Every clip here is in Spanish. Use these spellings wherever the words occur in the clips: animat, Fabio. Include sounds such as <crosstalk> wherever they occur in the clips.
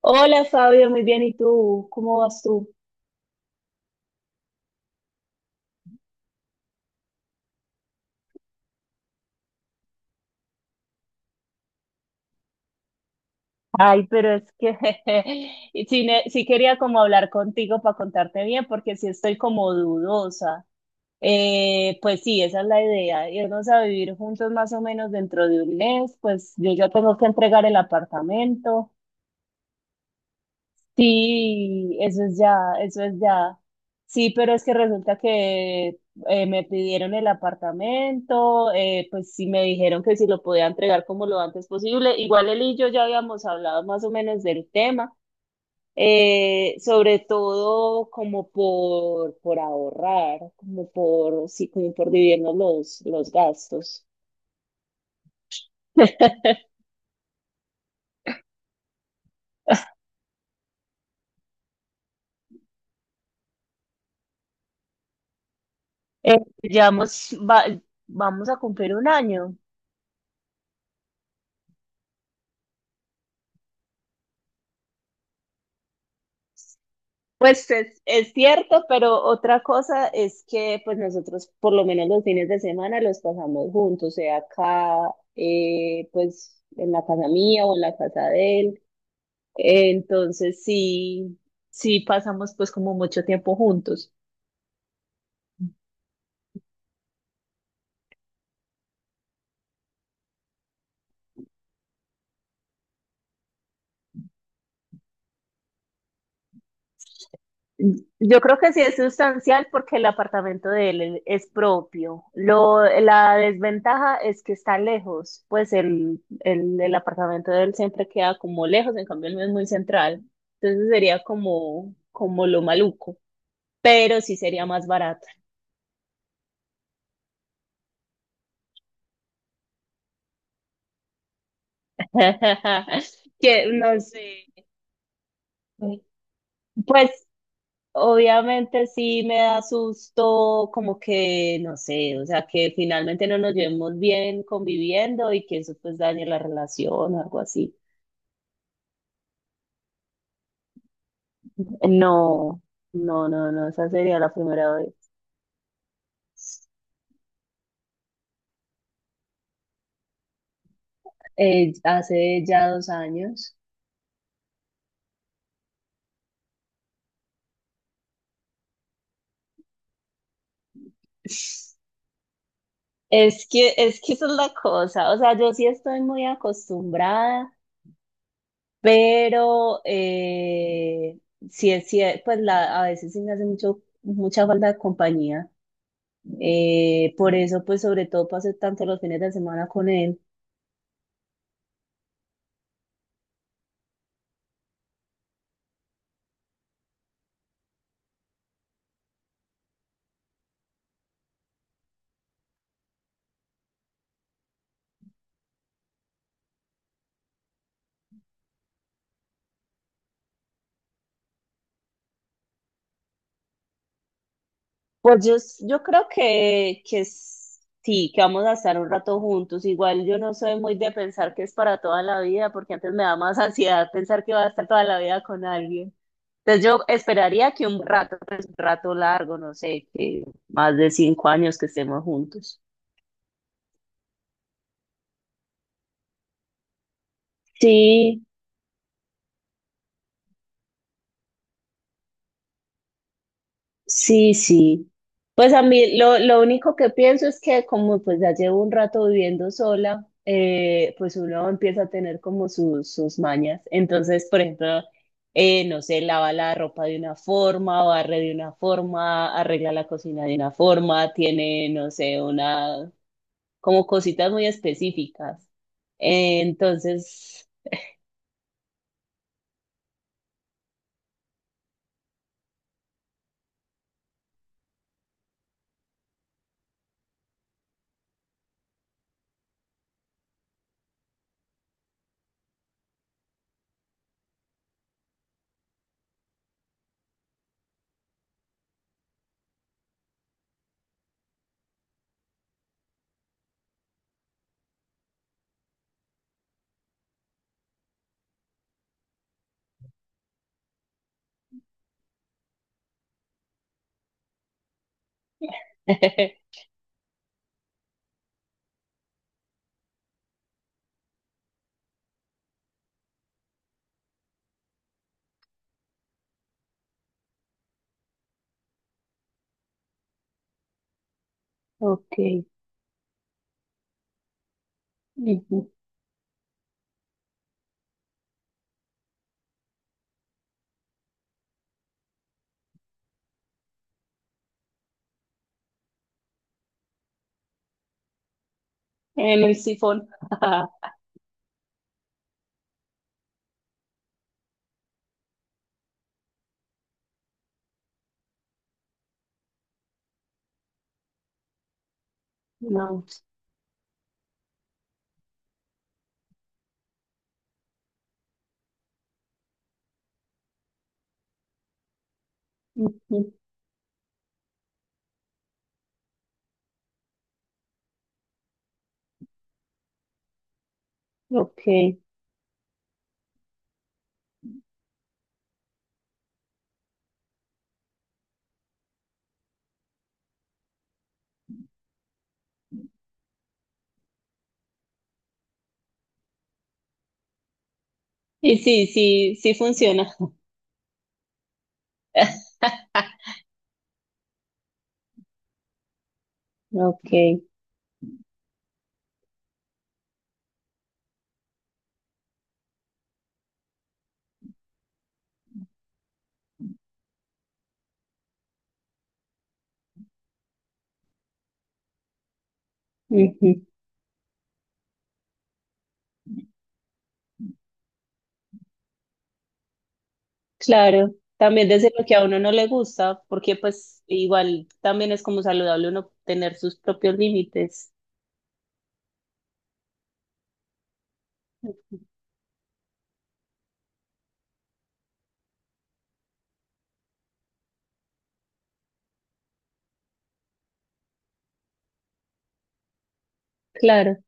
Hola Fabio, muy bien. ¿Y tú? ¿Cómo vas tú? Ay, pero es que <laughs> y sí, sí quería como hablar contigo para contarte bien, porque sí estoy como dudosa. Pues sí, esa es la idea, irnos a vivir juntos más o menos dentro de un mes, pues yo ya tengo que entregar el apartamento. Sí, eso es ya, eso es ya. Sí, pero es que resulta que me pidieron el apartamento, pues sí me dijeron que si lo podía entregar como lo antes posible. Igual él y yo ya habíamos hablado más o menos del tema, sobre todo como por, ahorrar, como por, sí, como por dividirnos los gastos. <laughs> Eh, llevamos, va- vamos a cumplir un año. Pues es cierto, pero otra cosa es que pues nosotros por lo menos los fines de semana los pasamos juntos, sea acá, pues en la casa mía o en la casa de él. Entonces sí, sí pasamos pues como mucho tiempo juntos. Yo creo que sí es sustancial porque el apartamento de él es propio. La desventaja es que está lejos, pues el, el apartamento de él siempre queda como lejos, en cambio el mío es muy central. Entonces sería como lo maluco, pero sí sería más barato. <laughs> Que no sé. Pues obviamente sí me da susto como que, no sé, o sea, que finalmente no nos llevemos bien conviviendo y que eso pues dañe la relación o algo así. No, no, no, no, esa sería la primera vez. Hace ya 2 años. Es que esa es la cosa, o sea, yo sí estoy muy acostumbrada, pero sí es cier- pues la, a veces sí me hace mucha falta de compañía. Por eso, pues sobre todo pasé tanto los fines de semana con él. Pues yo creo que sí, que vamos a estar un rato juntos. Igual yo no soy muy de pensar que es para toda la vida, porque antes me da más ansiedad pensar que va a estar toda la vida con alguien. Entonces yo esperaría que un rato, pues un rato largo, no sé, que más de 5 años que estemos juntos. Sí, sí, sí. Pues a mí lo único que pienso es que como pues ya llevo un rato viviendo sola, pues uno empieza a tener como sus, mañas. Entonces, por ejemplo, no sé, lava la ropa de una forma, barre de una forma, arregla la cocina de una forma, tiene, no sé, una, como cositas muy específicas. Eh, entonces, <laughs> ok. Ujú. En el sifón. <laughs> No. Ujú. Ok. Y sí, sí, sí funciona. <laughs> Ok. Ujú. Claro, también desde lo que a uno no le gusta, porque pues igual también es como saludable uno tener sus propios límites. Claro.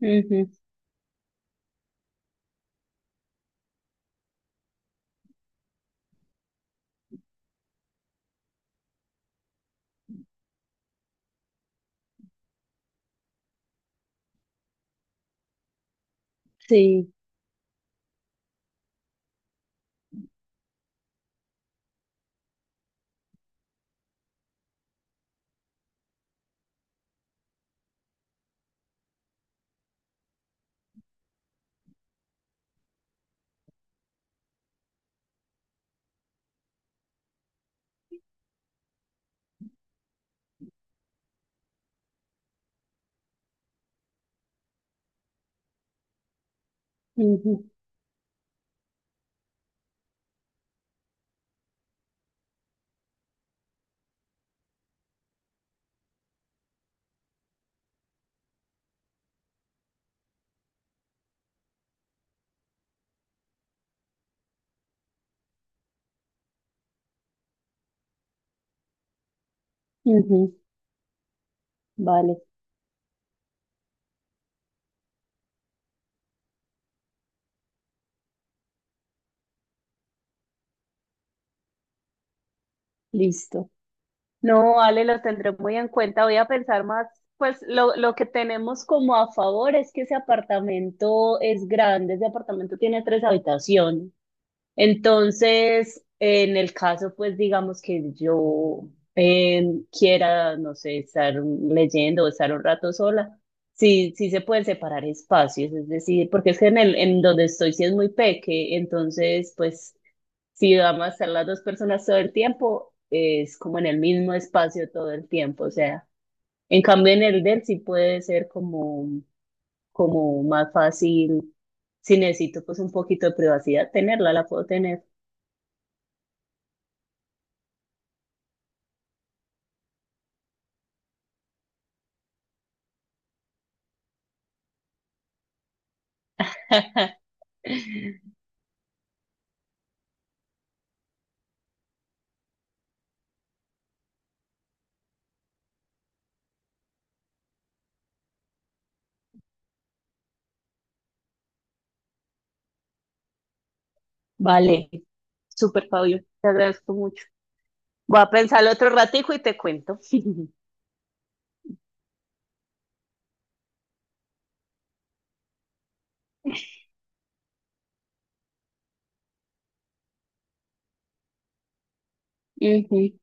Ujú. Sí. Ujú. Ujú. Vale, listo. No, vale, lo tendré muy en cuenta. Voy a pensar más, pues lo que tenemos como a favor es que ese apartamento es grande, ese apartamento tiene tres habitaciones. Entonces, en el caso, pues digamos que yo eh, quiera, no sé, estar leyendo o estar un rato sola, sí, sí se pueden separar espacios, es decir, porque es que en el, en donde estoy sí es muy peque, entonces, pues si vamos a estar las dos personas todo el tiempo, es como en el mismo espacio todo el tiempo, o sea, en cambio en el del sí puede ser como, como más fácil, si necesito pues un poquito de privacidad tenerla, la puedo tener. Vale, súper Fabio, te agradezco mucho. Voy a pensarlo otro ratico y te cuento. <laughs> Ujú,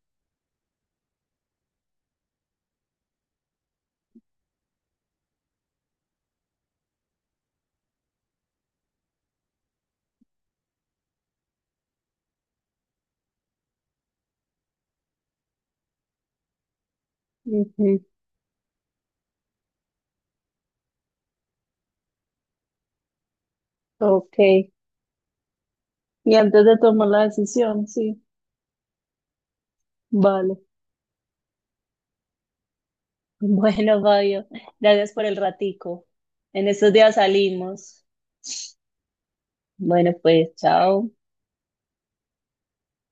ujú, ok. Y antes de tomar la decisión, sí. Vale. <laughs> Bueno, Fabio, gracias por el ratico. En estos días salimos. Bueno, pues, chao.